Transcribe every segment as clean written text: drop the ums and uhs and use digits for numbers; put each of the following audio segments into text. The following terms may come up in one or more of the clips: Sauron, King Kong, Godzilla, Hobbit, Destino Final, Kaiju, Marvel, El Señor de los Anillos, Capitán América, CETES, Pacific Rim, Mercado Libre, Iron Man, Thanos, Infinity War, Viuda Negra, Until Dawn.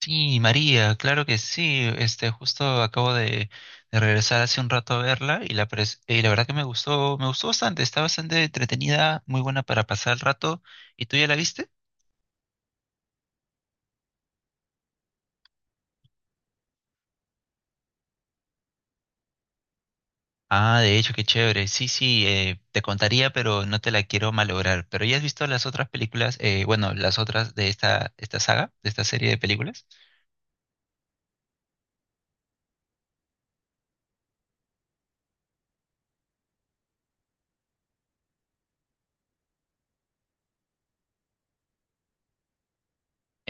Sí, María, claro que sí. Justo acabo de regresar hace un rato a verla y la verdad que me gustó bastante. Está bastante entretenida, muy buena para pasar el rato. ¿Y tú ya la viste? Ah, de hecho, qué chévere. Sí, sí, te contaría, pero no te la quiero malograr. ¿Pero ya has visto las otras películas? Bueno, las otras de esta saga, de esta serie de películas.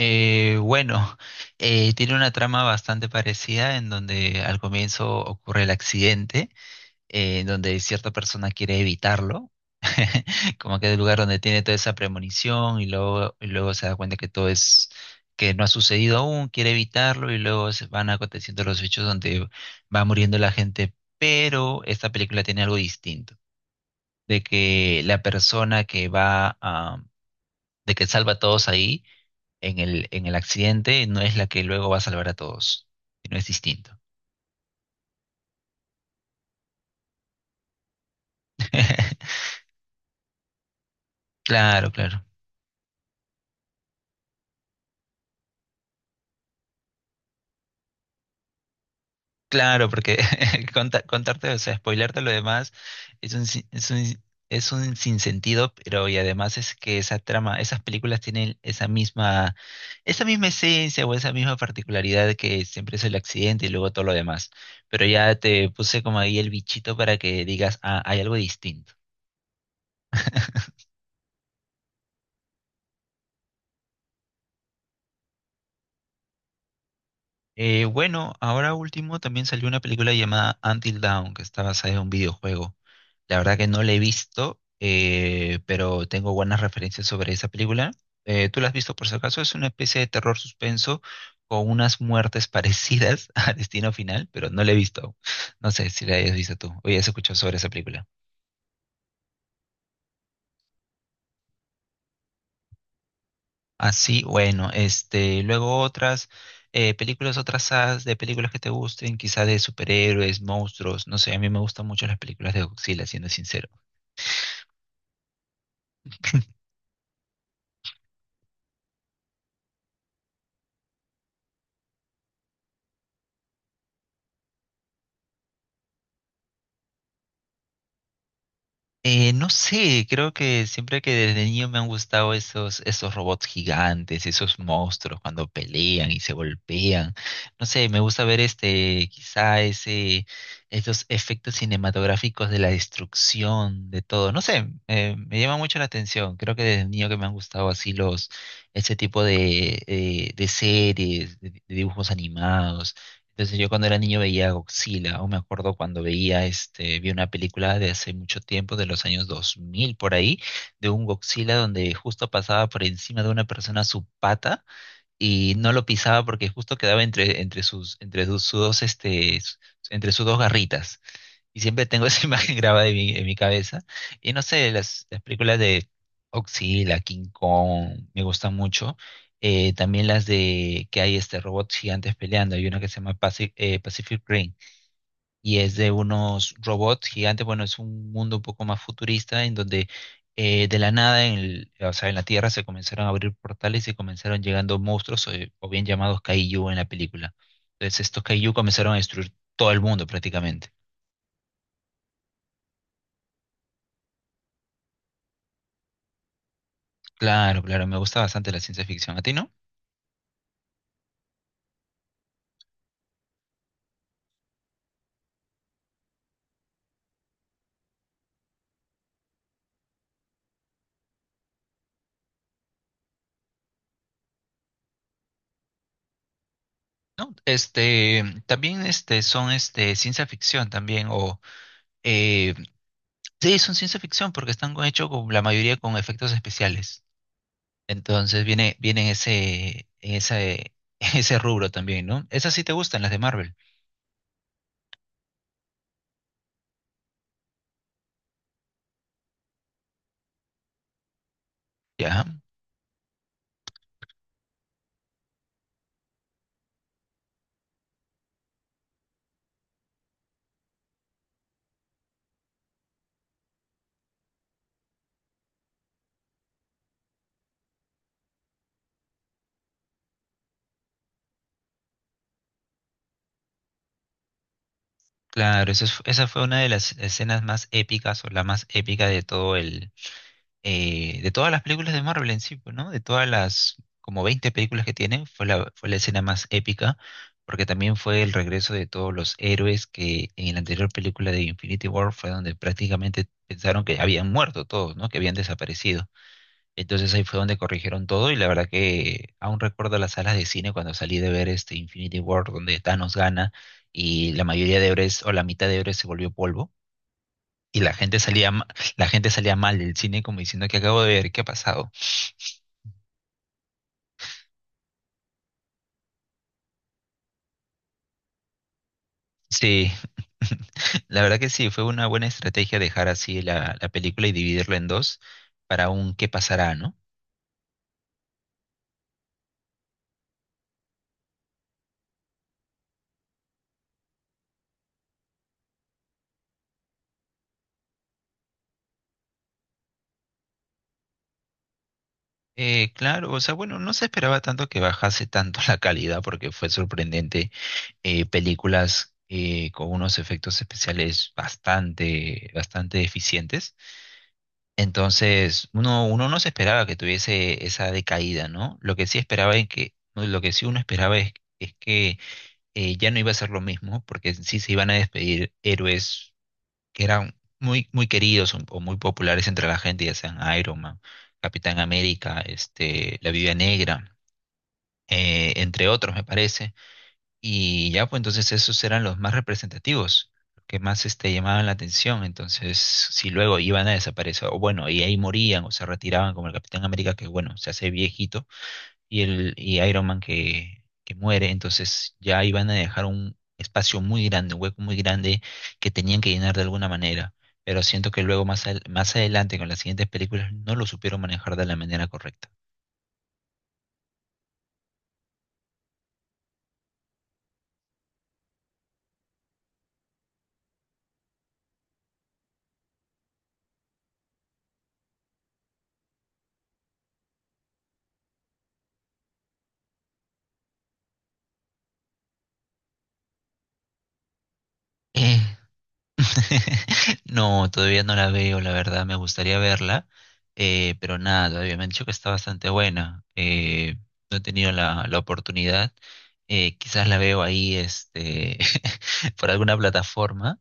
Bueno, tiene una trama bastante parecida en donde al comienzo ocurre el accidente donde cierta persona quiere evitarlo, como que es el lugar donde tiene toda esa premonición y luego se da cuenta que que no ha sucedido aún, quiere evitarlo y luego se van aconteciendo los hechos donde va muriendo la gente, pero esta película tiene algo distinto, de que la persona que va a, de que salva a todos ahí en el accidente no es la que luego va a salvar a todos, no es distinto. Claro, claro. Claro, porque contarte, o sea, spoilearte lo demás es un, sin- es es un sinsentido, pero y además es que esa trama, esas películas tienen esa misma esencia o esa misma particularidad de que siempre es el accidente y luego todo lo demás. Pero ya te puse como ahí el bichito para que digas, ah, hay algo distinto. Bueno, ahora último también salió una película llamada Until Dawn, que está basada en un videojuego. La verdad que no la he visto, pero tengo buenas referencias sobre esa película. ¿Tú la has visto por si acaso? Es una especie de terror suspenso con unas muertes parecidas a Destino Final, pero no la he visto. No sé si la hayas visto tú o ya has escuchado sobre esa película. Así, bueno, luego otras películas, otras sagas de películas que te gusten, quizás de superhéroes, monstruos, no sé, a mí me gustan mucho las películas de Godzilla, siendo sincero. No sé, creo que siempre que desde niño me han gustado esos robots gigantes, esos monstruos cuando pelean y se golpean. No sé, me gusta ver quizá esos efectos cinematográficos de la destrucción de todo. No sé, me llama mucho la atención. Creo que desde niño que me han gustado así ese tipo de series, de dibujos animados. Entonces yo cuando era niño veía Godzilla, o me acuerdo cuando veía, vi una película de hace mucho tiempo, de los años 2000 por ahí, de un Godzilla donde justo pasaba por encima de una persona su pata y no lo pisaba porque justo quedaba entre sus dos garritas. Y siempre tengo esa imagen grabada en en mi cabeza. Y no sé, las películas de Godzilla, King Kong, me gustan mucho. También las de que hay este robots gigantes peleando. Hay una que se llama Pacific Rim y es de unos robots gigantes. Bueno, es un mundo un poco más futurista en donde de la nada, o sea, en la Tierra se comenzaron a abrir portales y comenzaron llegando monstruos o bien llamados Kaiju en la película. Entonces estos Kaiju comenzaron a destruir todo el mundo prácticamente. Claro, claro, me gusta bastante la ciencia ficción. ¿A ti no? No, este, también este, son este, ciencia ficción también, o eh, sí, son ciencia ficción porque están hechos con la mayoría con efectos especiales. Entonces viene en ese, en ese rubro también, ¿no? Esas sí te gustan, las de Marvel. Ya, claro, esa fue una de las escenas más épicas o la más épica de todo de todas las películas de Marvel en sí, pues, ¿no? De todas las como 20 películas que tienen, fue la escena más épica, porque también fue el regreso de todos los héroes que en la anterior película de Infinity War fue donde prácticamente pensaron que habían muerto todos, ¿no? Que habían desaparecido. Entonces ahí fue donde corrigieron todo y la verdad que aún recuerdo las salas de cine cuando salí de ver este Infinity War donde Thanos gana y la mayoría de héroes o la mitad de héroes se volvió polvo y la gente salía mal del cine como diciendo que acabo de ver, ¿qué ha pasado? Sí, la verdad que sí, fue una buena estrategia dejar así la película y dividirla en dos para un qué pasará, ¿no? Claro, o sea, bueno, no se esperaba tanto que bajase tanto la calidad porque fue sorprendente. Películas con unos efectos especiales bastante, bastante eficientes. Entonces, uno no se esperaba que tuviese esa decaída, ¿no? Lo que sí esperaba es que, no, lo que sí uno esperaba es que ya no iba a ser lo mismo, porque sí se iban a despedir héroes que eran muy, muy queridos o muy populares entre la gente, ya sean Iron Man, Capitán América, la Viuda Negra, entre otros, me parece. Y ya, pues entonces esos eran los más representativos, los que más llamaban la atención. Entonces, si luego iban a desaparecer, o bueno, y ahí morían o se retiraban, como el Capitán América, que bueno, se hace viejito, y Iron Man que muere, entonces ya iban a dejar un espacio muy grande, un hueco muy grande que tenían que llenar de alguna manera. Pero siento que luego más adelante, con las siguientes películas, no lo supieron manejar de la manera correcta. No, todavía no la veo, la verdad, me gustaría verla, pero nada, todavía me han dicho que está bastante buena. No he tenido la oportunidad, quizás la veo ahí por alguna plataforma,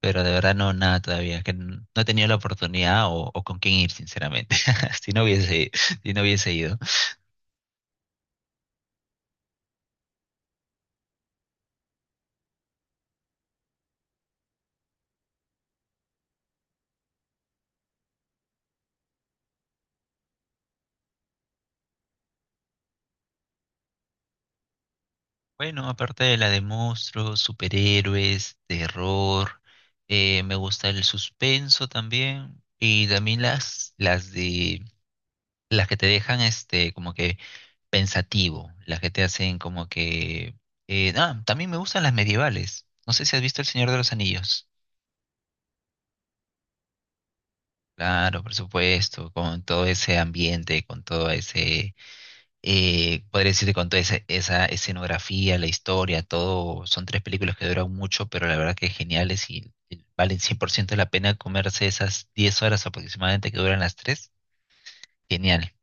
pero de verdad no, nada todavía, que no he tenido la oportunidad o con quién ir, sinceramente, si no hubiese, si no hubiese ido. Bueno, aparte de la de monstruos, superhéroes, terror, me gusta el suspenso también y también las de las que te dejan como que pensativo, las que te hacen como que también me gustan las medievales. No sé si has visto El Señor de los Anillos. Claro, por supuesto, con todo ese ambiente, con todo ese podría decirte con toda esa escenografía, la historia, todo, son 3 películas que duran mucho, pero la verdad que geniales y valen 100% la pena comerse esas 10 horas aproximadamente que duran las tres. Genial.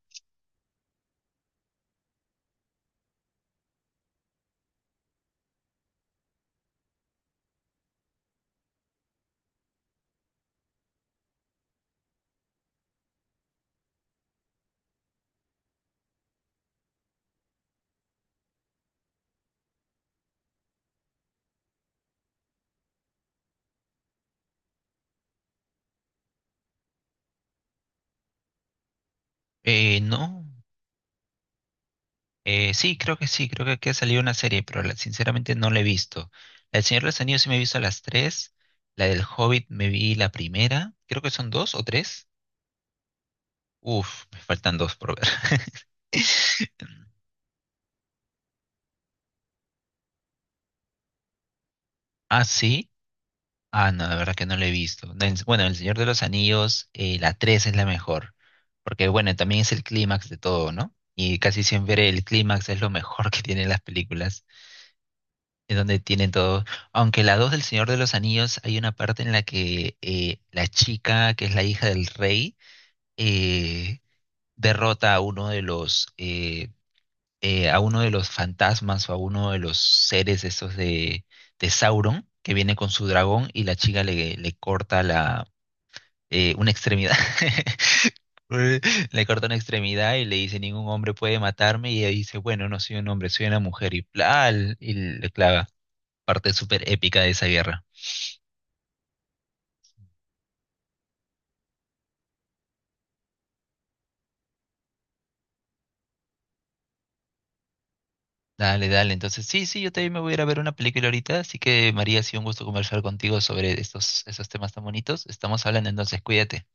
No, sí, creo que aquí ha salido una serie, pero sinceramente no la he visto. La del Señor de los Anillos sí me he visto las tres, la del Hobbit me vi la primera, creo que son dos o tres. Uf, me faltan dos por ver. Ah, sí. Ah, no, la verdad que no lo he visto. No, bueno, El Señor de los Anillos, la 3 es la mejor, porque bueno, también es el clímax de todo, ¿no? Y casi siempre el clímax es lo mejor que tienen las películas, es donde tienen todo. Aunque la 2 del Señor de los Anillos hay una parte en la que la chica, que es la hija del rey, eh, derrota a uno de los a uno de los fantasmas o a uno de los seres esos de Sauron, que viene con su dragón y le corta una extremidad. Eh, Le corta una extremidad y le dice, ningún hombre puede matarme. Y ella dice, bueno, no soy un hombre, soy una mujer. Y, bla y le clava, parte súper épica de esa guerra. Dale, dale. Entonces, sí, sí, yo también me voy a ir a ver una película ahorita. Así que, María, ha sido un gusto conversar contigo sobre estos temas tan bonitos. Estamos hablando entonces, cuídate.